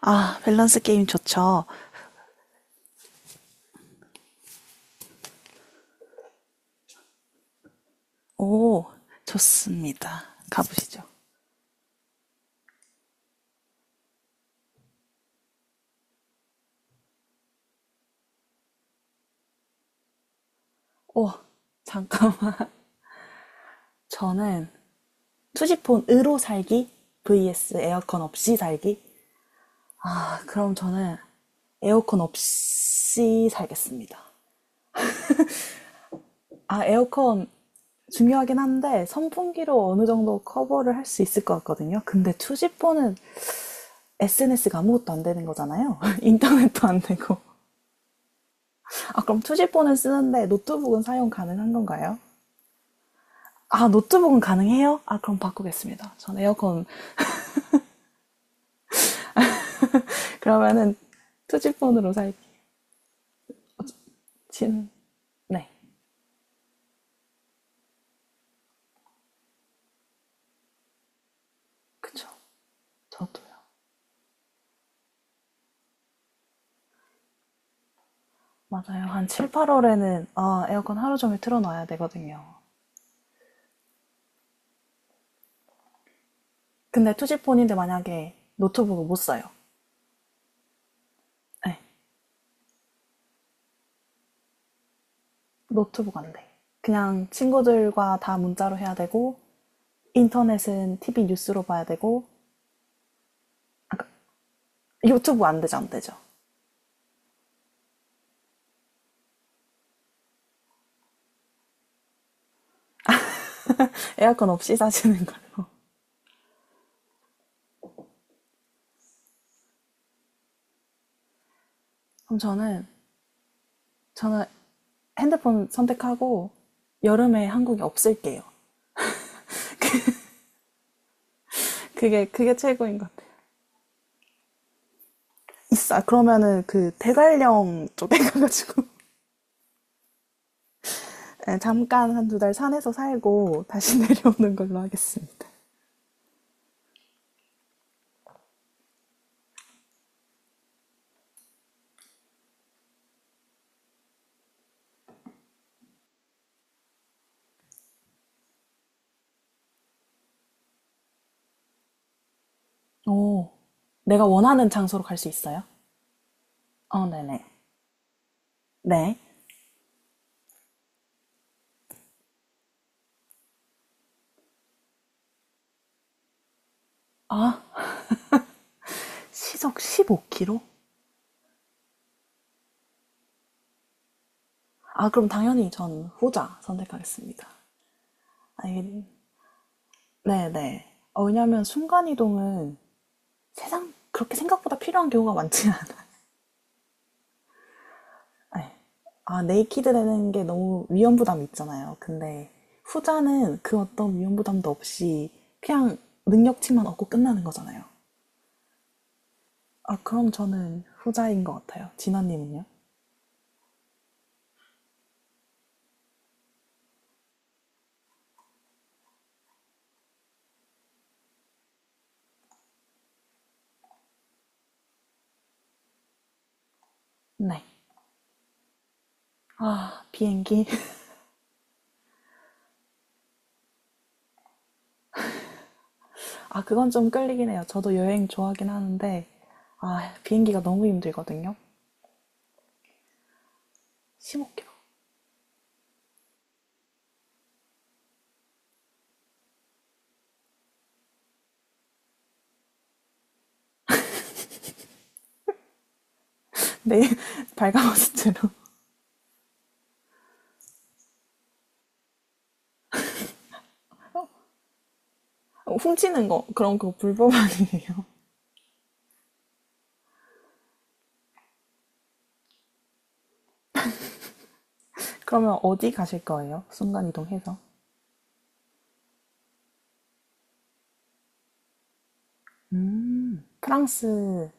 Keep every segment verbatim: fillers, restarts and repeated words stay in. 아, 밸런스 게임 좋죠. 오, 좋습니다. 가보시죠. 오, 잠깐만. 저는 투지폰으로 살기 vs 에어컨 없이 살기. 아, 그럼 저는 에어컨 없이 살겠습니다. 아, 에어컨 중요하긴 한데 선풍기로 어느 정도 커버를 할 수 있을 것 같거든요. 근데 투지폰은 에스엔에스가 아무것도 안 되는 거잖아요. 인터넷도 안 되고. 아, 그럼 투지폰은 쓰는데 노트북은 사용 가능한 건가요? 아, 노트북은 가능해요? 아, 그럼 바꾸겠습니다. 전 에어컨. 그러면은 투지폰으로 살기. 지금, 네. 그쵸. 저도요. 맞아요. 한 칠, 팔월에는, 아, 에어컨 하루 종일 틀어놔야 되거든요. 근데 투지폰인데 만약에 노트북을 못 써요. 네. 노트북 안 돼. 그냥 친구들과 다 문자로 해야 되고, 인터넷은 티비 뉴스로 봐야 되고, 유튜브 안 되죠, 안 되죠. 에어컨 없이 사시는 걸로. 그럼 저는, 저는 핸드폰 선택하고 여름에 한국에 없을게요. 그게 그게 최고인 것 같아요. 있어. 그러면은 그 대관령 쪽에 가가지고 네, 잠깐 한 두 달 산에서 살고 다시 내려오는 걸로 하겠습니다. 오, 내가 원하는 장소로 갈 수 있어요? 어, 네네. 네. 아, 시속 십오 킬로미터? 아, 그럼 당연히 전 후자 선택하겠습니다. 아, 이게- 네네. 어, 왜냐면 순간이동은 세상 그렇게 생각보다 필요한 경우가 많지 않아요. 에. 아, 네이키드 되는 게 너무 위험 부담이 있잖아요. 근데 후자는 그 어떤 위험 부담도 없이 그냥 능력치만 얻고 끝나는 거잖아요. 아, 그럼 저는 후자인 것 같아요. 진아님은요? 네. 아, 비행기. 아, 그건 좀 끌리긴 해요. 저도 여행 좋아하긴 하는데, 아, 비행기가 너무 힘들거든요. 심오 k m 네, 발가벗스트로. 훔치는 거, 그럼 그거 불법 아니에요? 그러면 어디 가실 거예요? 순간이동해서? 음, 프랑스,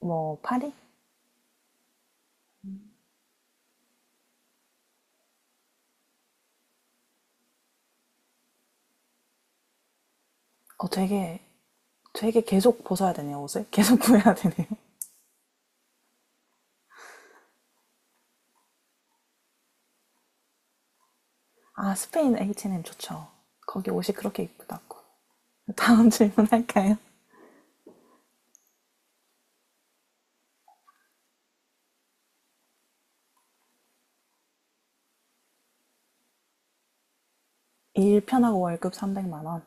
뭐, 파리? 어, 되게, 되게 계속 벗어야 되네요, 옷을. 계속 구해야 되네요. 아, 스페인 에이치앤엠 좋죠. 거기 옷이 그렇게 이쁘다고. 다음 질문 할까요? 일 편하고 월급 삼백만 원.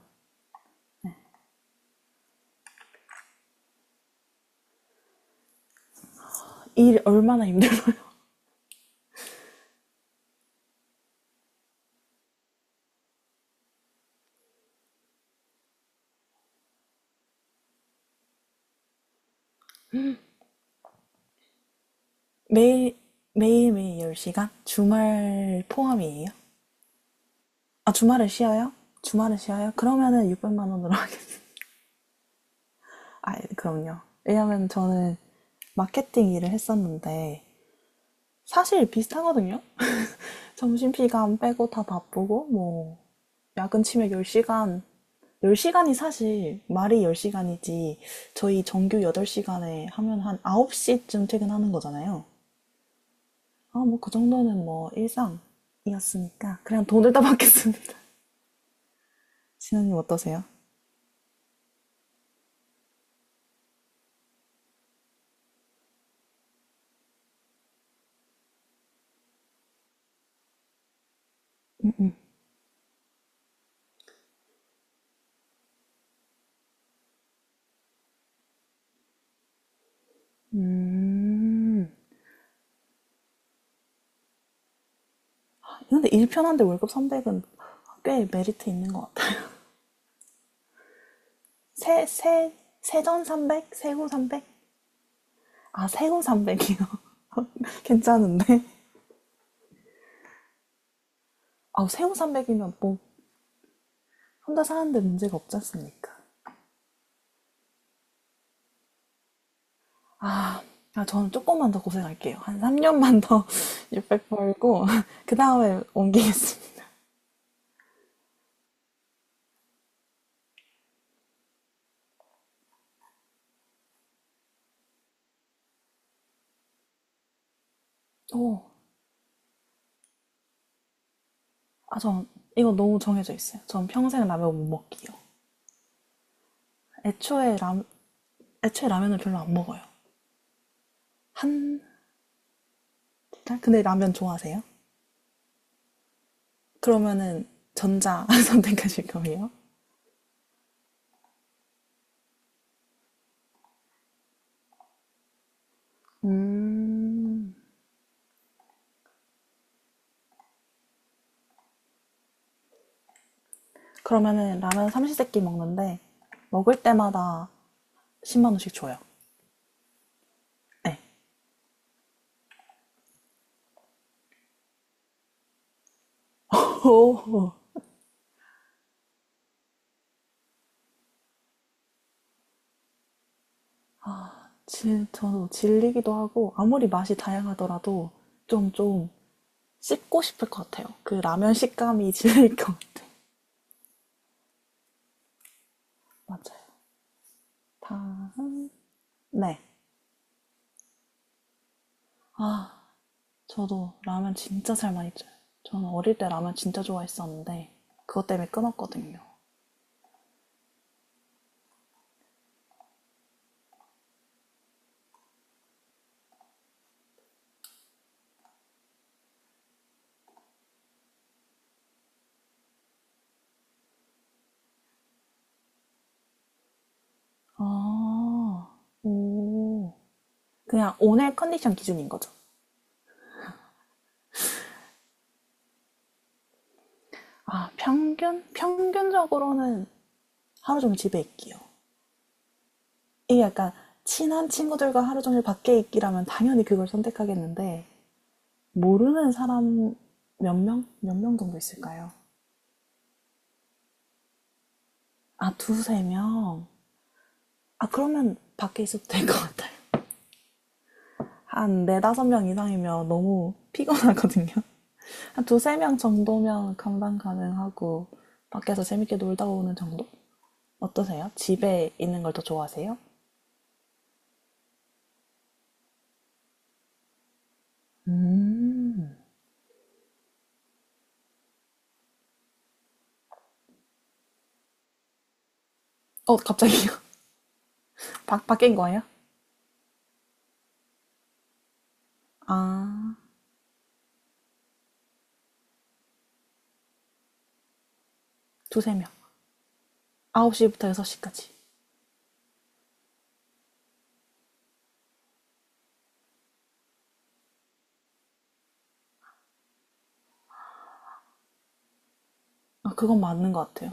일 얼마나 힘들어요? 매일, 매일매일 열 시간? 주말 포함이에요? 아, 주말은 쉬어요? 주말은 쉬어요? 그러면은 육백만 원으로 하겠어요. 아, 그럼요. 왜냐면 저는 마케팅 일을 했었는데, 사실 비슷하거든요? 점심 시간 빼고 다 바쁘고 뭐 야근 치면 열 시간 열 시간이 사실 말이 열 시간이지 저희 정규 여덟 시간에 하면 한 아홉 시쯤 퇴근하는 거잖아요. 아, 뭐 그 정도는 뭐 일상이었으니까 그냥 돈을 따받겠습니다. 진영님 어떠세요? 음. 근데 일 편한데 월급 삼백은 꽤 메리트 있는 것 같아요. 세, 세, 세전 삼백? 세후 삼백? 아, 세후 삼백이요. 괜찮은데? 아, 세후 삼백이면 뭐 혼자 사는데 문제가 없지 않습니까? 아, 아, 저는 조금만 더 고생할게요. 한 삼 년만 더 육백 벌고, 그 다음에 옮기겠습니다. 오, 아, 전 이거 너무 정해져 있어요. 전 평생 라면 못 먹기요. 애초에 라, 애초에 라면을 별로 안 먹어요. 한, 달? 근데 라면 좋아하세요? 그러면은 전자 선택하실 거예요? 음, 그러면은 라면 삼시세끼 먹는데, 먹을 때마다 십만 원씩 줘요. 네. 오, 진, 저도 질리기도 하고 아무리 맛이 다양하더라도 좀, 좀 씹고 싶을 것 같아요. 그 라면 식감이 질릴 것 같아요. 맞아요. 다음. 네. 아, 저도 라면 진짜 잘 많이 쪄요. 저는 어릴 때 라면 진짜 좋아했었는데 그것 때문에 끊었거든요. 아, 오. 그냥 오늘 컨디션 기준인 거죠. 아, 평균? 평균적으로는 하루 종일 집에 있기요. 이게 약간 친한 친구들과 하루 종일 밖에 있기라면 당연히 그걸 선택하겠는데 모르는 사람 몇 명? 몇 명 정도 있을까요? 아, 두세 명? 아, 그러면 밖에 있어도 될 것 같아요. 한 네다섯 명 이상이면 너무 피곤하거든요. 한 두세 명 정도면 감당 가능하고 밖에서 재밌게 놀다 오는 정도? 어떠세요? 집에 있는 걸 더 좋아하세요? 음. 어, 갑자기요? 바, 바뀐 거예요? 아, 두세 명. 아홉 시부터 여섯 시까지. 아, 그건 맞는 것 같아요.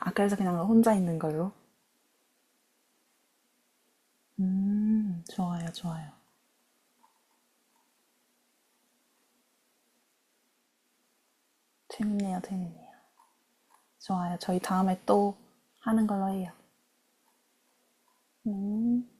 아, 그래서 그냥 혼자 있는 걸로? 음, 좋아요, 좋아요. 재밌네요, 재밌네요. 좋아요. 저희 다음에 또 하는 걸로 해요. 음.